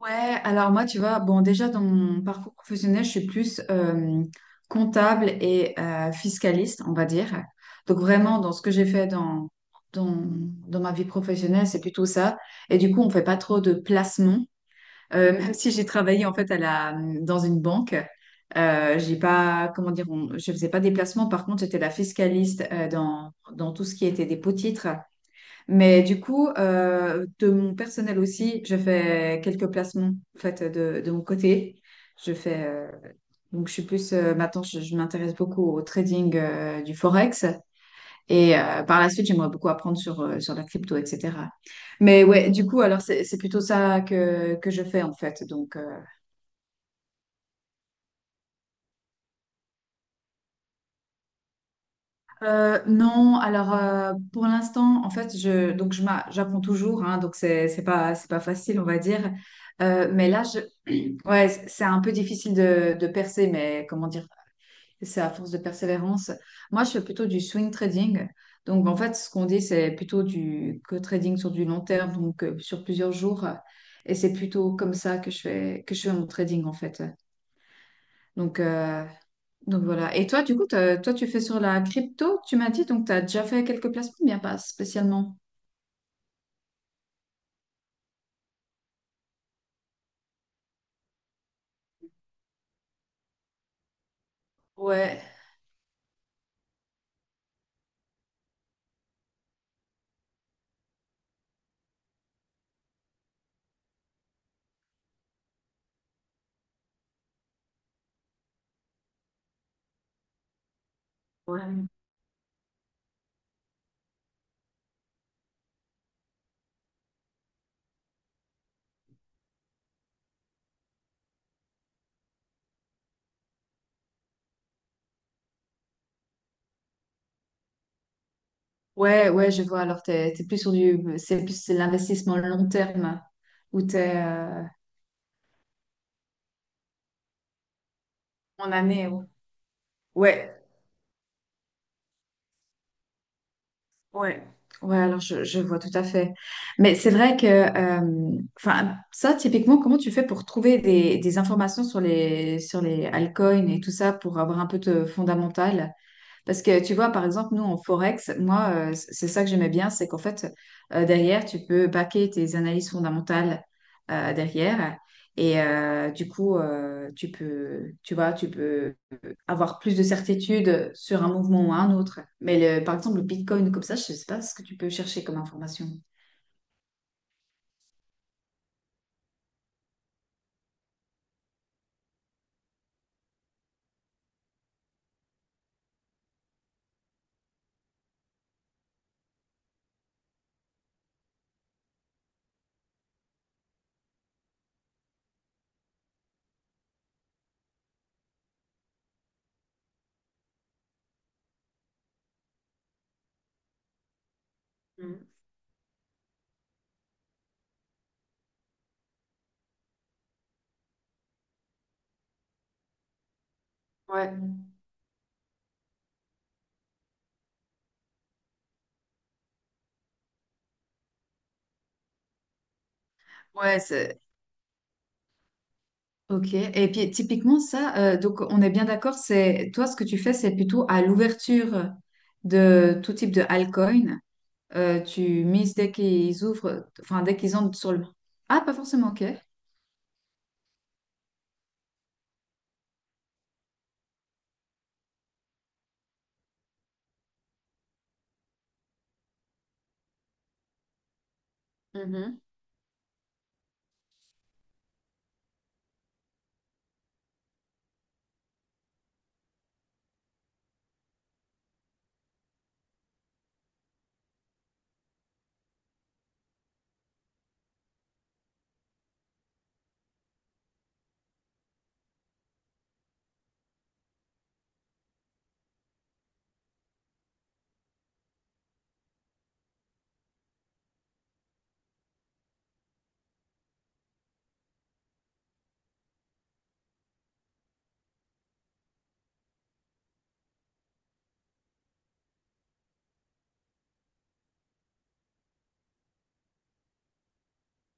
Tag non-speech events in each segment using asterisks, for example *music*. Ouais, alors moi, tu vois, bon, déjà dans mon parcours professionnel, je suis plus comptable et fiscaliste, on va dire. Donc vraiment, dans ce que j'ai fait dans, dans ma vie professionnelle, c'est plutôt ça. Et du coup, on fait pas trop de placements. *laughs* Même si j'ai travaillé en fait dans une banque, j'ai pas, comment dire, je faisais pas des placements. Par contre, j'étais la fiscaliste dans tout ce qui était des pots-titres. Mais du coup, de mon personnel aussi, je fais quelques placements en fait, de mon côté. Je fais, je suis plus, maintenant, je m'intéresse beaucoup au trading du Forex. Et par la suite, j'aimerais beaucoup apprendre sur, sur la crypto, etc. Mais ouais, du coup, alors, c'est plutôt ça que je fais, en fait. Donc, non, alors, pour l'instant, en fait, donc, j'apprends toujours, hein. Donc, c'est pas facile, on va dire. Mais là, ouais, c'est un peu difficile de percer, mais comment dire, c'est à force de persévérance. Moi, je fais plutôt du swing trading. Donc, en fait, ce qu'on dit, c'est plutôt du co-trading sur du long terme, donc sur plusieurs jours. Et c'est plutôt comme ça que je fais mon trading, en fait. Donc, euh, donc voilà. Et toi, du coup, toi, tu fais sur la crypto, tu m'as dit, donc tu as déjà fait quelques placements, bien pas spécialement. Ouais, ouais. Ouais, ouais, je vois. Alors, t'es plus sur du, c'est plus, c'est l'investissement long terme où En année, ouais. Ouais, ouais, ouais, alors je vois tout à fait. Mais c'est vrai que, enfin, ça, typiquement, comment tu fais pour trouver des informations sur les altcoins et tout ça pour avoir un peu de fondamental? Parce que tu vois, par exemple, nous en Forex, moi, c'est ça que j'aimais bien, c'est qu'en fait, derrière, tu peux baquer tes analyses fondamentales derrière. Et du coup, tu vois, tu peux avoir plus de certitude sur un mouvement ou un autre. Mais par exemple, le Bitcoin, comme ça, je ne sais pas ce que tu peux chercher comme information. Mm. Ouais. Ouais, Ok. Et puis, typiquement, ça, donc, on est bien d'accord, c'est toi, ce que tu fais, c'est plutôt à l'ouverture de tout type de altcoin. Tu mises dès qu'ils ouvrent, enfin dès qu'ils entrent sur le. Ah, pas forcément, ok. Mhm.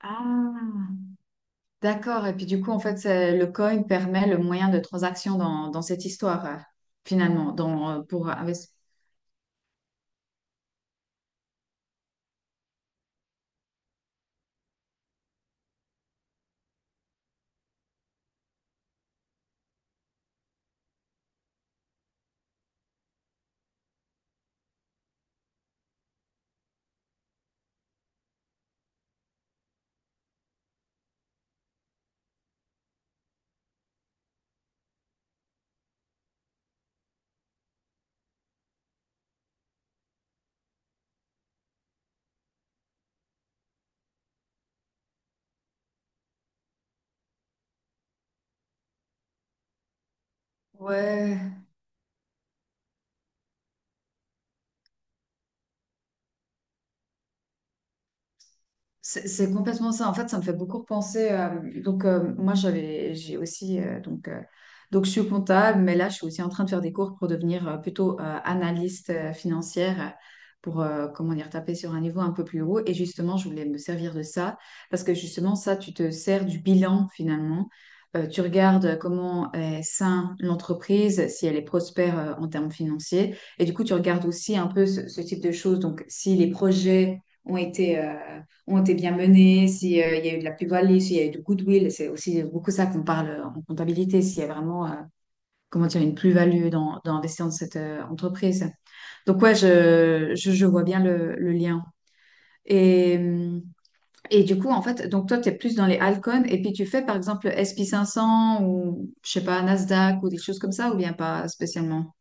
Ah, d'accord. Et puis du coup, en fait, le coin permet le moyen de transaction dans cette histoire, finalement, pour investir. Ouais. C'est complètement ça. En fait, ça me fait beaucoup repenser. Moi, j'ai aussi. Donc, je suis comptable, mais là, je suis aussi en train de faire des cours pour devenir plutôt analyste financière, pour, comment dire, taper sur un niveau un peu plus haut. Et justement, je voulais me servir de ça, parce que justement, ça, tu te sers du bilan, finalement. Tu regardes comment est sain l'entreprise, si elle est prospère en termes financiers. Et du coup, tu regardes aussi un peu ce type de choses. Donc, si les projets ont été bien menées, s'il y a eu de la plus-value, s'il y a eu du goodwill. C'est aussi beaucoup ça qu'on parle en comptabilité, s'il y a vraiment comment dire, une plus-value dans investir dans cette entreprise. Donc ouais, je vois bien le lien. Et, euh, et du coup, en fait, donc toi, tu es plus dans les altcoins et puis tu fais par exemple S&P 500 ou je sais pas, Nasdaq ou des choses comme ça ou bien pas spécialement?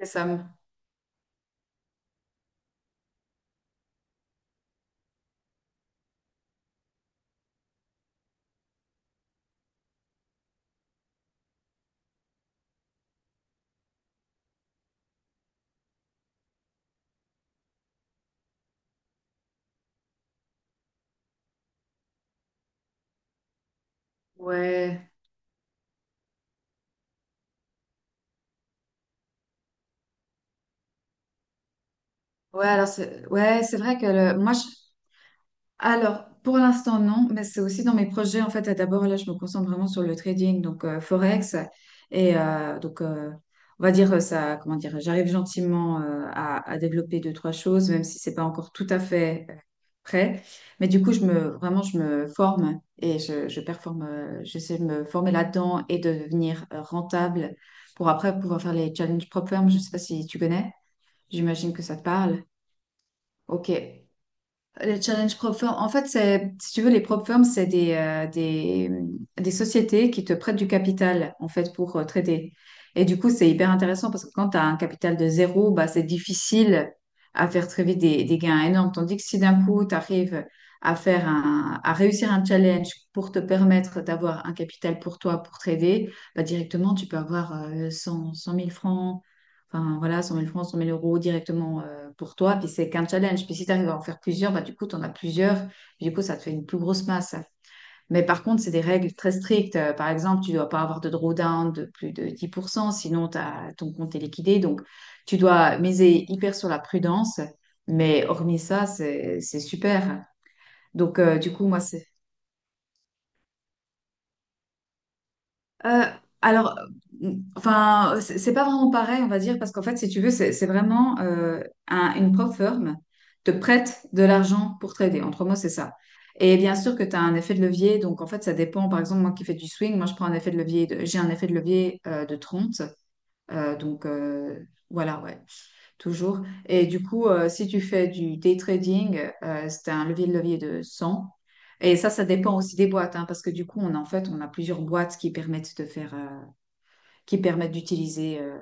Les sommes. Ouais, ouais, alors c'est ouais, c'est vrai que moi, je. Alors, pour l'instant, non, mais c'est aussi dans mes projets. En fait, d'abord, là, je me concentre vraiment sur le trading, donc Forex. Et on va dire ça, comment dire, j'arrive gentiment à développer deux, trois choses, même si c'est pas encore tout à fait prêt. Mais du coup, vraiment, je me forme et je performe, j'essaie de me former là-dedans et de devenir rentable pour après pouvoir faire les challenges propres. Je sais pas si tu connais. J'imagine que ça te parle. Ok. Les challenges prop firm, en fait, c'est, si tu veux, les prop firms, des sociétés qui te prêtent du capital, en fait, pour trader. Et du coup, c'est hyper intéressant parce que quand tu as un capital de 0, bah, c'est difficile à faire très vite des gains énormes. Tandis que si d'un coup, tu arrives à réussir un challenge pour te permettre d'avoir un capital pour toi, pour trader, bah, directement, tu peux avoir 100, 100 000 francs. Enfin, voilà, 100 000 francs, 100 000 euros directement pour toi. Puis c'est qu'un challenge. Puis si tu arrives à en faire plusieurs, bah, du coup, tu en as plusieurs. Puis du coup, ça te fait une plus grosse masse. Mais par contre, c'est des règles très strictes. Par exemple, tu ne dois pas avoir de drawdown de plus de 10%, sinon ton compte est liquidé. Donc, tu dois miser hyper sur la prudence. Mais hormis ça, c'est super. Donc, du coup, moi, c'est. Euh, alors, euh, enfin, c'est pas vraiment pareil, on va dire, parce qu'en fait, si tu veux, c'est vraiment une prop firm te prête de l'argent pour trader. Entre mots, c'est ça. Et bien sûr que tu as un effet de levier, donc en fait, ça dépend. Par exemple, moi qui fais du swing, moi je prends un effet de levier, j'ai un effet de levier de 30. euh, donc euh, voilà, ouais, toujours. Et du coup, si tu fais du day trading, c'est un levier de 100. Et ça dépend aussi des boîtes, hein, parce que du coup, en fait, on a plusieurs boîtes qui permettent de faire. Qui permettent d'utiliser.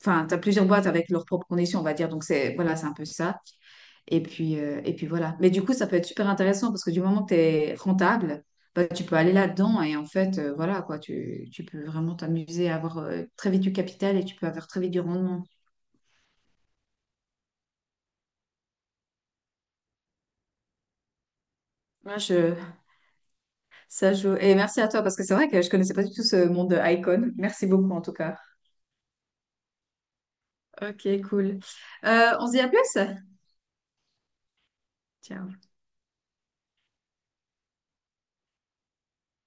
Enfin, tu as plusieurs boîtes avec leurs propres conditions, on va dire. Donc, c'est voilà, c'est un peu ça. Et puis voilà. Mais du coup, ça peut être super intéressant parce que du moment que tu es rentable, bah, tu peux aller là-dedans et en fait, voilà, quoi, tu peux vraiment t'amuser à avoir très vite du capital et tu peux avoir très vite du rendement. Moi, je, ça joue. Et merci à toi parce que c'est vrai que je connaissais pas du tout ce monde de Icon. Merci beaucoup en tout cas. Ok, cool. On se dit à plus? Ciao.